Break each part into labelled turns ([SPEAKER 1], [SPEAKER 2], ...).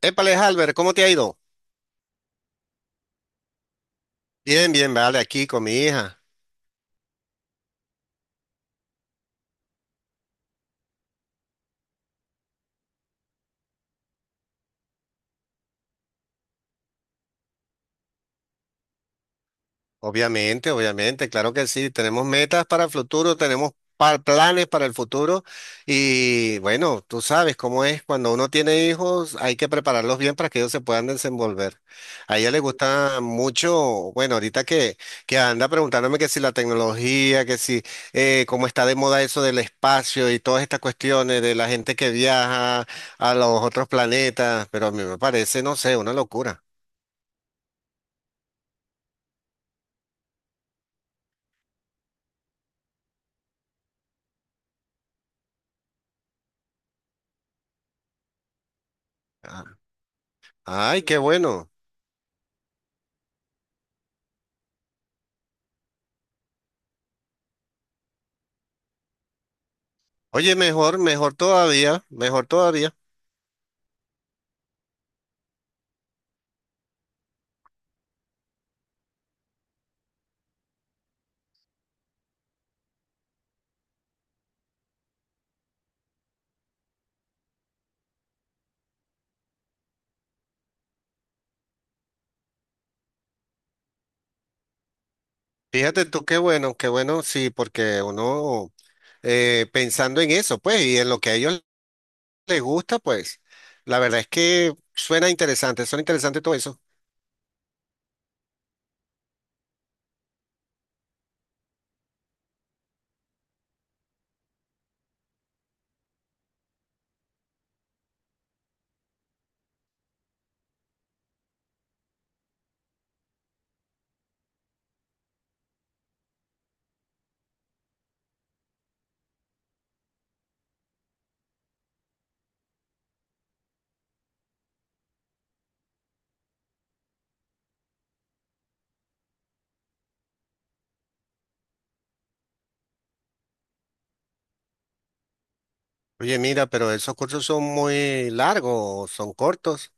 [SPEAKER 1] Épale, Albert, ¿cómo te ha ido? Bien, bien, vale, aquí con mi hija. Obviamente, obviamente, claro que sí. Tenemos metas para el futuro, tenemos planes para el futuro. Y bueno, tú sabes cómo es, cuando uno tiene hijos hay que prepararlos bien para que ellos se puedan desenvolver. A ella le gusta mucho, bueno, ahorita que anda preguntándome que si la tecnología, que si cómo está de moda eso del espacio y todas estas cuestiones de la gente que viaja a los otros planetas, pero a mí me parece, no sé, una locura. Ah, ay, qué bueno. Oye, mejor, mejor todavía, mejor todavía. Fíjate tú qué bueno, sí, porque uno, pensando en eso, pues, y en lo que a ellos les gusta, pues, la verdad es que suena interesante todo eso. Oye, mira, pero ¿esos cursos son muy largos, son cortos?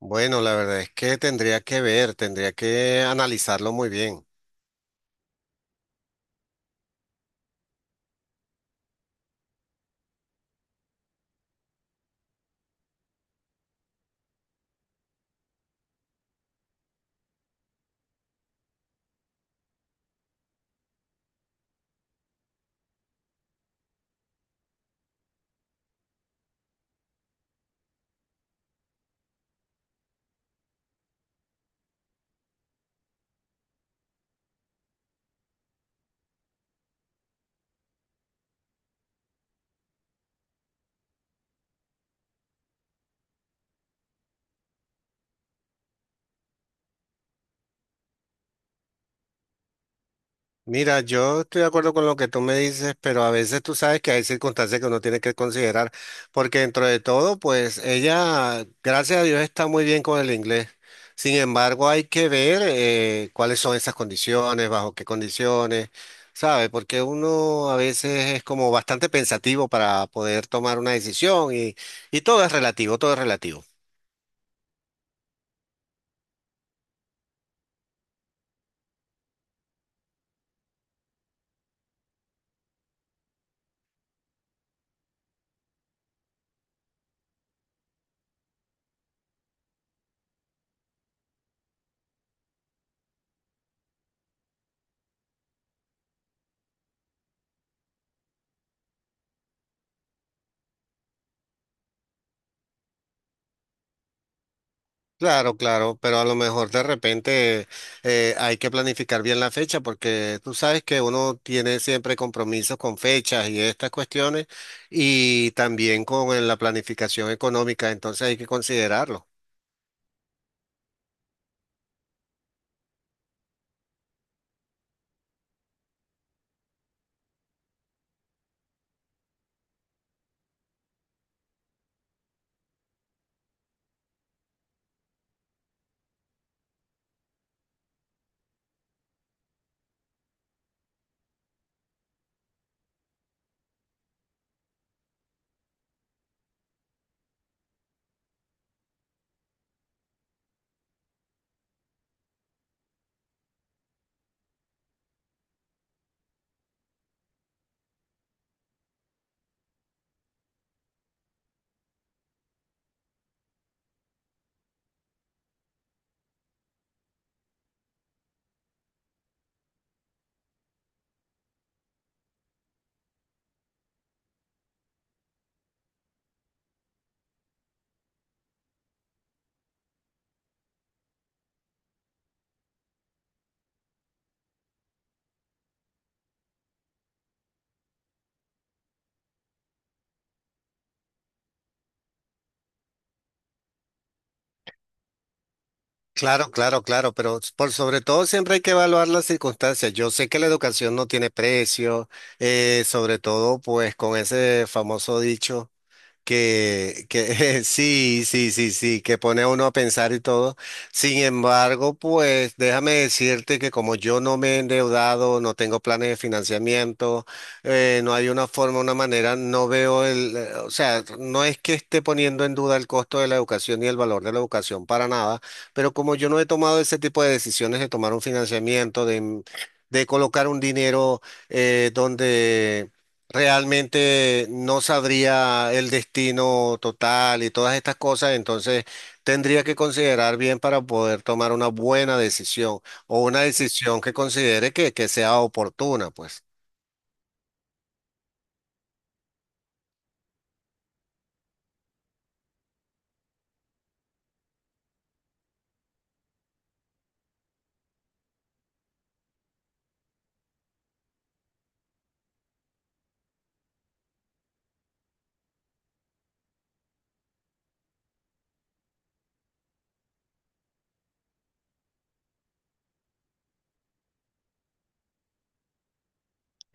[SPEAKER 1] Bueno, la verdad es que tendría que ver, tendría que analizarlo muy bien. Mira, yo estoy de acuerdo con lo que tú me dices, pero a veces tú sabes que hay circunstancias que uno tiene que considerar, porque dentro de todo, pues ella, gracias a Dios, está muy bien con el inglés. Sin embargo, hay que ver cuáles son esas condiciones, bajo qué condiciones, ¿sabes? Porque uno a veces es como bastante pensativo para poder tomar una decisión y todo es relativo, todo es relativo. Claro, claro, pero a lo mejor de repente, hay que planificar bien la fecha porque tú sabes que uno tiene siempre compromisos con fechas y estas cuestiones, y también con la planificación económica, entonces hay que considerarlo. Claro, claro, claro, pero por sobre todo siempre hay que evaluar las circunstancias. Yo sé que la educación no tiene precio, sobre todo pues con ese famoso dicho. Que sí, sí, sí, sí, que pone a uno a pensar y todo. Sin embargo, pues déjame decirte que como yo no me he endeudado, no tengo planes de financiamiento, no hay una forma, una manera, no veo el, o sea, no es que esté poniendo en duda el costo de la educación y el valor de la educación para nada, pero como yo no he tomado ese tipo de decisiones de tomar un financiamiento, de colocar un dinero donde realmente no sabría el destino total y todas estas cosas, entonces tendría que considerar bien para poder tomar una buena decisión, o una decisión que considere que sea oportuna, pues.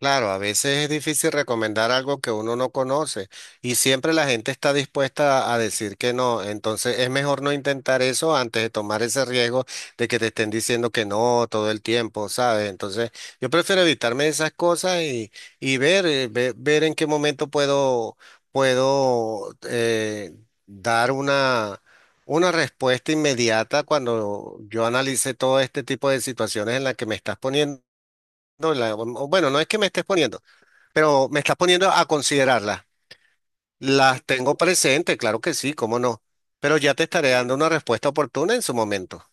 [SPEAKER 1] Claro, a veces es difícil recomendar algo que uno no conoce y siempre la gente está dispuesta a decir que no. Entonces es mejor no intentar eso antes de tomar ese riesgo de que te estén diciendo que no todo el tiempo, ¿sabes? Entonces yo prefiero evitarme esas cosas y ver, ver, en qué momento puedo, puedo dar una respuesta inmediata cuando yo analice todo este tipo de situaciones en las que me estás poniendo. O bueno, no es que me estés poniendo. Pero me estás poniendo a considerarlas. Las tengo presente, claro que sí, cómo no. Pero ya te estaré dando una respuesta oportuna en su momento.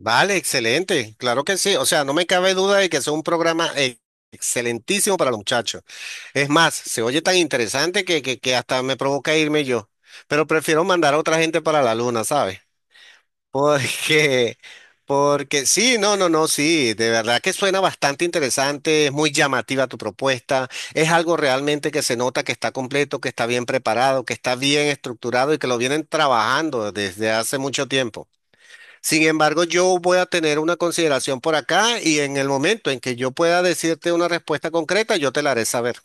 [SPEAKER 1] Vale, excelente, claro que sí. O sea, no me cabe duda de que es un programa excelentísimo para los muchachos. Es más, se oye tan interesante que hasta me provoca irme yo. Pero prefiero mandar a otra gente para la luna, ¿sabes? Porque, porque sí, no, no, no, sí, de verdad que suena bastante interesante, es muy llamativa tu propuesta, es algo realmente que se nota que está completo, que está bien preparado, que está bien estructurado y que lo vienen trabajando desde hace mucho tiempo. Sin embargo, yo voy a tener una consideración por acá y en el momento en que yo pueda decirte una respuesta concreta, yo te la haré saber.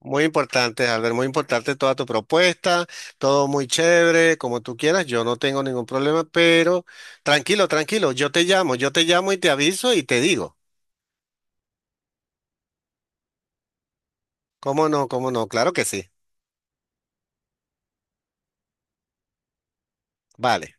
[SPEAKER 1] Muy importante, Albert, muy importante toda tu propuesta, todo muy chévere, como tú quieras, yo no tengo ningún problema, pero tranquilo, tranquilo, yo te llamo y te aviso y te digo. ¿Cómo no? ¿Cómo no? Claro que sí. Vale.